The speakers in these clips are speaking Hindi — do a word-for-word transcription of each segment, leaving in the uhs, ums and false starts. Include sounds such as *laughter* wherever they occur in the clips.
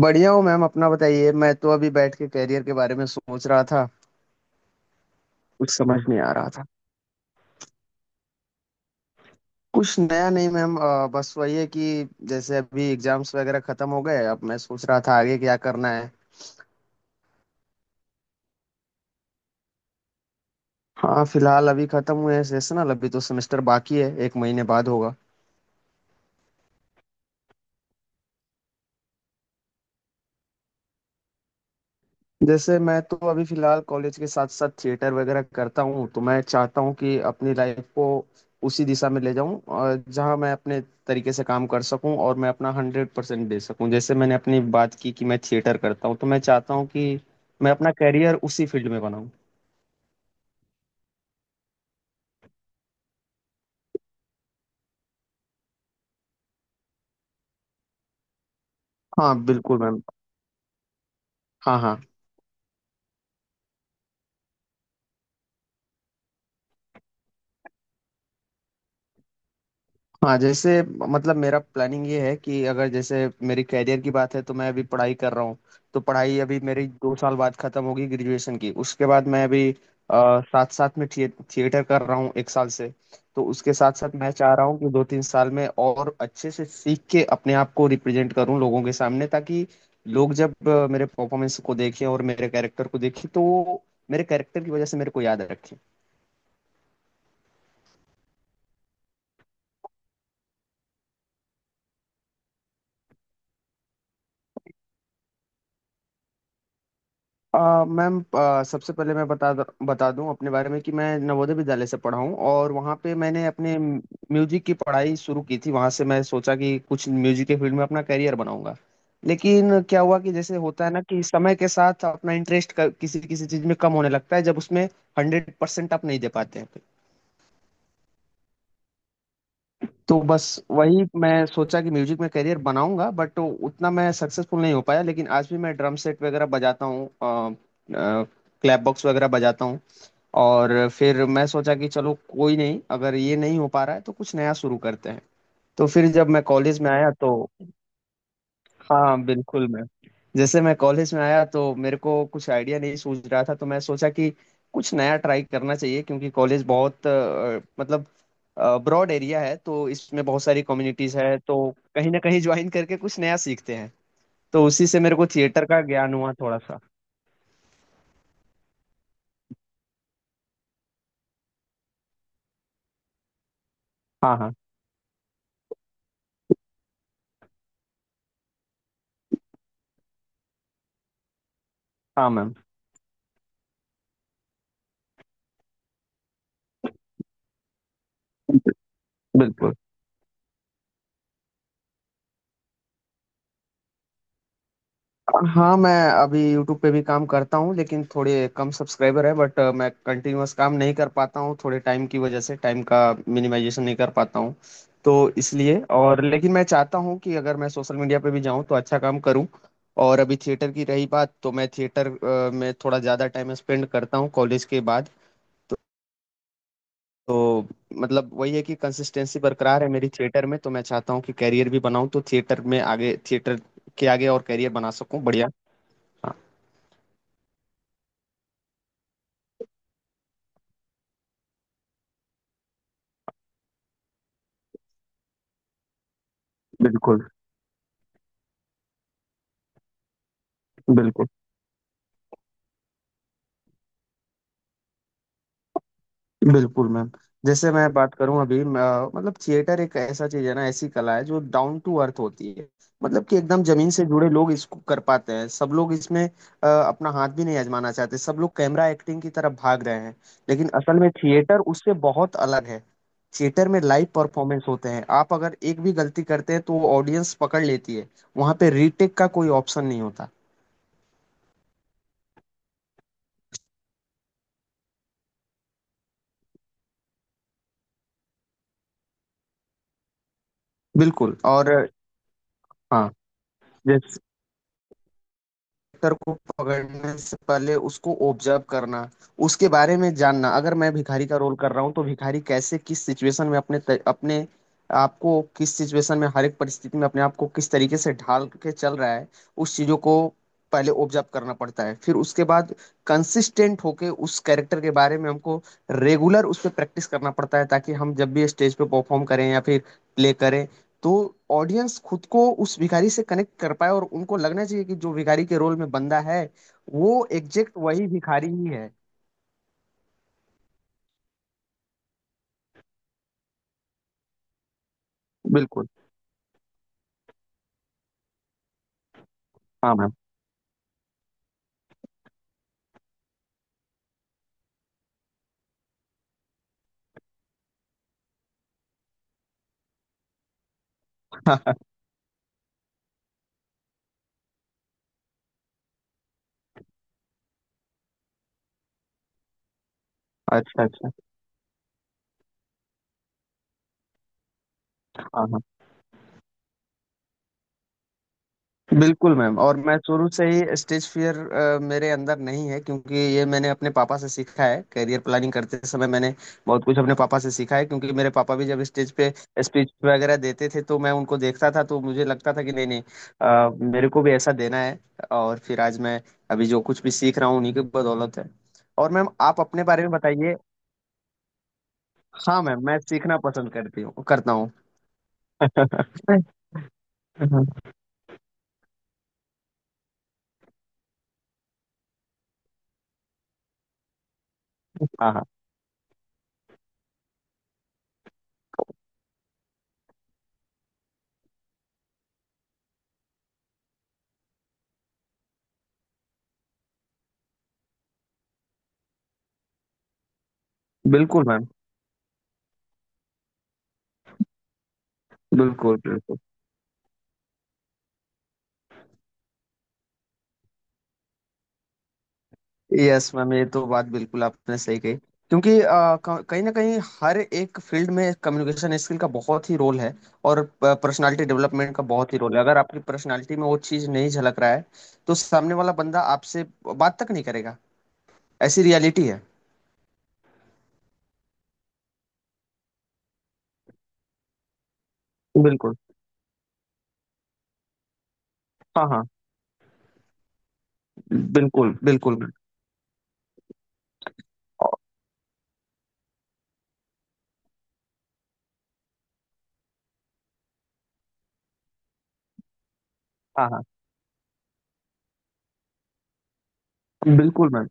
बढ़िया हूँ मैम, अपना बताइए। मैं तो अभी बैठ के कैरियर के बारे में सोच रहा था। कुछ समझ नहीं आ रहा था। कुछ नया नहीं मैम, अ, बस वही है कि जैसे अभी एग्जाम्स वगैरह खत्म हो गए। अब मैं सोच रहा था आगे क्या करना है। हाँ, फिलहाल अभी खत्म हुए हैं सेशनल। अभी तो सेमेस्टर बाकी है, एक महीने बाद होगा। जैसे मैं तो अभी फिलहाल कॉलेज के साथ साथ थिएटर वगैरह करता हूँ, तो मैं चाहता हूँ कि अपनी लाइफ को उसी दिशा में ले जाऊँ और जहाँ मैं अपने तरीके से काम कर सकूँ और मैं अपना हंड्रेड परसेंट दे सकूँ। जैसे मैंने अपनी बात की कि मैं थिएटर करता हूँ तो मैं चाहता हूँ कि मैं अपना करियर उसी फील्ड में बनाऊँ। हाँ बिल्कुल मैम। हाँ हाँ। हाँ, जैसे मतलब मेरा प्लानिंग ये है कि अगर जैसे मेरी कैरियर की बात है तो मैं अभी पढ़ाई कर रहा हूँ। तो पढ़ाई अभी मेरी दो साल बाद खत्म होगी ग्रेजुएशन की। उसके बाद मैं अभी अ, साथ साथ में थिए, थिएटर कर रहा हूँ एक साल से। तो उसके साथ साथ मैं चाह रहा हूँ कि दो तीन साल में और अच्छे से सीख के अपने आप को रिप्रेजेंट करूँ लोगों के सामने, ताकि लोग जब अ, मेरे परफॉर्मेंस को देखें और मेरे कैरेक्टर को देखें तो वो मेरे कैरेक्टर की वजह से मेरे को याद रखें। अ, मैम, अ, सबसे पहले मैं बता बता दूं अपने बारे में कि मैं नवोदय विद्यालय से पढ़ा हूं और वहां पे मैंने अपने म्यूजिक की पढ़ाई शुरू की थी। वहां से मैं सोचा कि कुछ म्यूजिक के फील्ड में अपना करियर बनाऊंगा। लेकिन क्या हुआ कि जैसे होता है ना कि समय के साथ अपना इंटरेस्ट किसी किसी चीज में कम होने लगता है, जब उसमें हंड्रेड परसेंट आप नहीं दे पाते हैं। तो बस वही मैं सोचा कि म्यूजिक में करियर बनाऊंगा, बट उतना मैं सक्सेसफुल नहीं हो पाया। लेकिन आज भी मैं ड्रम सेट वगैरह बजाता हूँ, क्लैप बॉक्स वगैरह बजाता हूँ। और फिर मैं सोचा कि चलो कोई नहीं, अगर ये नहीं हो पा रहा है तो कुछ नया शुरू करते हैं। तो फिर जब मैं कॉलेज में आया तो हाँ बिल्कुल। मैं, जैसे मैं कॉलेज में आया तो मेरे को कुछ आइडिया नहीं सूझ रहा था। तो मैं सोचा कि कुछ नया ट्राई करना चाहिए, क्योंकि कॉलेज बहुत अ, मतलब ब्रॉड एरिया है। तो इसमें बहुत सारी कम्युनिटीज है तो कहीं ना कहीं ज्वाइन करके कुछ नया सीखते हैं। तो उसी से मेरे को थिएटर का ज्ञान हुआ थोड़ा सा। हाँ हाँ। हाँ मैम। बिल्कुल। हाँ, मैं अभी YouTube पे भी काम करता हूँ लेकिन थोड़े कम सब्सक्राइबर है, बट मैं कंटिन्यूअस काम नहीं कर पाता हूँ थोड़े टाइम की वजह से। टाइम का मिनिमाइजेशन नहीं कर पाता हूँ, तो इसलिए और लेकिन मैं चाहता हूँ कि अगर मैं सोशल मीडिया पे भी जाऊँ तो अच्छा काम करूँ। और अभी थिएटर की रही बात, तो मैं थिएटर अ, में थोड़ा ज़्यादा टाइम स्पेंड करता हूँ कॉलेज के बाद। तो, तो मतलब वही है कि कंसिस्टेंसी बरकरार है मेरी थिएटर में, तो मैं चाहता हूँ कि कैरियर भी बनाऊँ, तो थिएटर में आगे, थिएटर के आगे और कैरियर बना सकूँ। बढ़िया। हाँ, बिल्कुल। बिल्कुल बिल्कुल मैम। जैसे मैं बात करूं अभी म, अ, मतलब थिएटर एक ऐसा चीज है ना, ऐसी कला है जो डाउन टू अर्थ होती है। मतलब कि एकदम जमीन से जुड़े लोग इसको कर पाते हैं। सब लोग इसमें अ, अपना हाथ भी नहीं आजमाना चाहते, सब लोग कैमरा एक्टिंग की तरफ भाग रहे हैं। लेकिन असल में थिएटर उससे बहुत अलग है। थिएटर में लाइव परफॉर्मेंस होते हैं, आप अगर एक भी गलती करते हैं तो वो ऑडियंस पकड़ लेती है। वहां पे रीटेक का कोई ऑप्शन नहीं होता। बिल्कुल और अ, हाँ, करेक्टर को पकड़ने से पहले उसको ऑब्जर्व करना, उसके बारे में जानना। अगर मैं भिखारी का रोल कर रहा हूँ, तो भिखारी कैसे किस सिचुएशन में अपने त- अपने आपको, किस सिचुएशन में हर एक परिस्थिति में अपने आप को किस तरीके से ढाल के चल रहा है, उस चीजों को पहले ऑब्जर्व करना पड़ता है। फिर उसके बाद कंसिस्टेंट होके उस कैरेक्टर के बारे में हमको रेगुलर उस पर प्रैक्टिस करना पड़ता है, ताकि हम जब भी स्टेज पे परफॉर्म करें या फिर प्ले करें तो ऑडियंस खुद को उस भिखारी से कनेक्ट कर पाए और उनको लगना चाहिए कि जो भिखारी के रोल में बंदा है वो एग्जैक्ट वही भिखारी ही है। बिल्कुल। हाँ मैम। *laughs* अच्छा अच्छा। हाँ हाँ। बिल्कुल मैम, और मैं शुरू से ही स्टेज फियर मेरे अंदर नहीं है, क्योंकि ये मैंने अपने पापा से सीखा है। करियर प्लानिंग करते समय मैंने बहुत कुछ अपने पापा से सीखा है, क्योंकि मेरे पापा भी जब स्टेज पे स्पीच वगैरह देते थे तो मैं उनको देखता था। तो मुझे लगता था कि नहीं नहीं, अ, मेरे को भी ऐसा देना है। और फिर आज मैं अभी जो कुछ भी सीख रहा हूँ उन्हीं की बदौलत है। और मैम आप अपने बारे में बताइए। हाँ मैम, मैं सीखना पसंद करती हूँ, करता हूँ। *laughs* हाँ हाँ बिल्कुल मैम। बिल्कुल बिल्कुल। यस मैम, ये तो बात बिल्कुल आपने सही कही, क्योंकि अ, क- कहीं ना कहीं हर एक फील्ड में कम्युनिकेशन स्किल का बहुत ही रोल है और पर्सनालिटी डेवलपमेंट का बहुत ही रोल है। अगर आपकी पर्सनालिटी में वो चीज़ नहीं झलक रहा है तो सामने वाला बंदा आपसे बात तक नहीं करेगा। ऐसी रियलिटी है। बिल्कुल। हाँ हाँ। बिल्कुल बिल्कुल मैम। और- हाँ हाँ बिल्कुल मैम।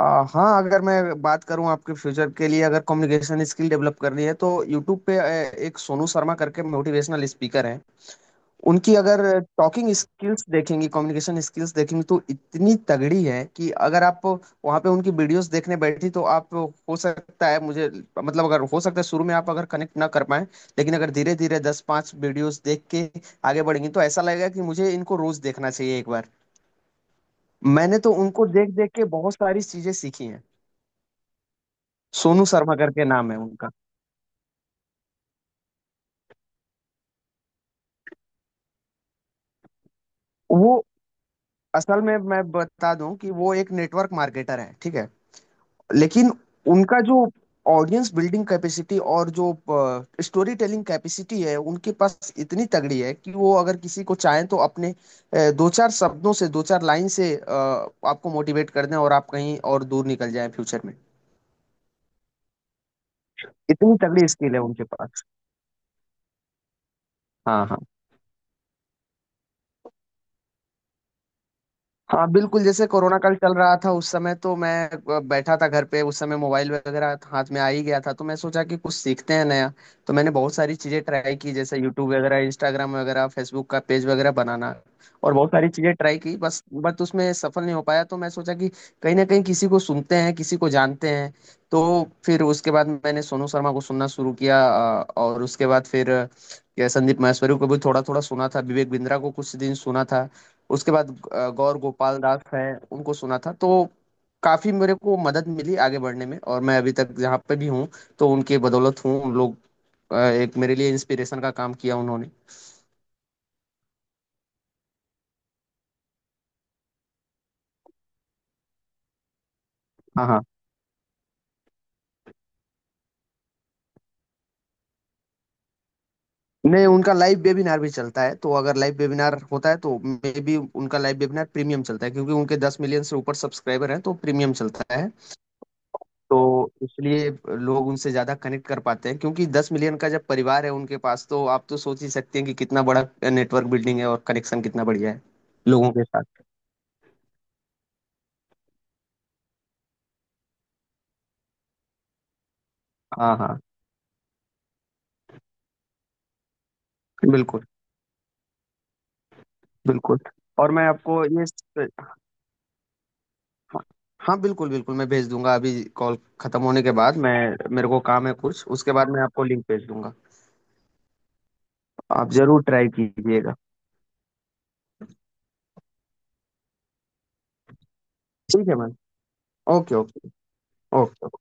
आ, हाँ, अगर मैं बात करूँ आपके फ्यूचर के लिए, अगर कम्युनिकेशन स्किल डेवलप करनी है तो यूट्यूब पे ए, एक सोनू शर्मा करके मोटिवेशनल स्पीकर है। उनकी अगर टॉकिंग स्किल्स देखेंगे, कम्युनिकेशन स्किल्स देखेंगे, तो इतनी तगड़ी है कि अगर आप वहाँ पे उनकी वीडियोस देखने बैठी तो आप, हो सकता है मुझे, मतलब अगर हो सकता है शुरू में आप अगर कनेक्ट ना कर पाए, लेकिन अगर धीरे धीरे दस पाँच वीडियोस देख के आगे बढ़ेंगे तो ऐसा लगेगा कि मुझे इनको रोज देखना चाहिए एक बार। मैंने तो उनको देख देख के बहुत सारी चीजें सीखी हैं। सोनू शर्मा करके नाम है उनका। वो असल में, मैं बता दूं कि वो एक नेटवर्क मार्केटर है, ठीक है। लेकिन उनका जो ऑडियंस बिल्डिंग कैपेसिटी और जो स्टोरी टेलिंग कैपेसिटी है उनके पास, इतनी तगड़ी है कि वो अगर किसी को चाहें तो अपने अ, दो चार शब्दों से, दो चार लाइन से अ, आपको मोटिवेट कर दें और आप कहीं और दूर निकल जाएं फ्यूचर में। इतनी तगड़ी स्किल है उनके पास। हाँ हाँ। हाँ बिल्कुल, जैसे कोरोना काल चल रहा था उस समय तो मैं अ, बैठा था घर पे। उस समय मोबाइल वगैरह हाथ में आ ही गया था, तो मैं सोचा कि कुछ सीखते हैं नया। तो मैंने बहुत सारी चीजें ट्राई की, जैसे यूट्यूब वगैरह, इंस्टाग्राम वगैरह, फेसबुक का पेज वगैरह बनाना और बहुत सारी चीजें ट्राई की बस, बट उसमें सफल नहीं हो पाया। तो मैं सोचा कि कहीं ना कहीं किसी को सुनते हैं, किसी को जानते हैं। तो फिर उसके बाद मैंने सोनू शर्मा को सुनना शुरू किया। अ, और उसके बाद फिर अ, संदीप माहेश्वरी को भी थोड़ा थोड़ा सुना था, विवेक बिंद्रा को कुछ दिन सुना था। उसके बाद अ, गौर गोपाल दास हैं, उनको सुना था। तो काफी मेरे को मदद मिली आगे बढ़ने में और मैं अभी तक जहाँ पे भी हूँ तो उनके बदौलत हूँ। उन लोग अ, एक मेरे लिए इंस्पिरेशन का काम किया उन्होंने। हाँ हाँ। नहीं, उनका लाइव वेबिनार भी चलता है, तो अगर लाइव वेबिनार होता है तो मे बी उनका लाइव वेबिनार प्रीमियम चलता है, क्योंकि उनके दस मिलियन से ऊपर सब्सक्राइबर हैं तो प्रीमियम चलता है। तो इसलिए लोग उनसे ज्यादा कनेक्ट कर पाते हैं, क्योंकि दस मिलियन का जब परिवार है उनके पास तो आप तो सोच ही सकते हैं कि कितना बड़ा नेटवर्क बिल्डिंग है और कनेक्शन कितना बढ़िया है लोगों के साथ। हाँ हाँ बिल्कुल बिल्कुल। और मैं आपको ये, हाँ बिल्कुल बिल्कुल, मैं भेज दूंगा अभी, कॉल खत्म होने के बाद। मैं मेरे को काम है कुछ, उसके बाद मैं आपको लिंक भेज दूंगा। आप जरूर ट्राई कीजिएगा। ठीक है मैम। Okay okay okay.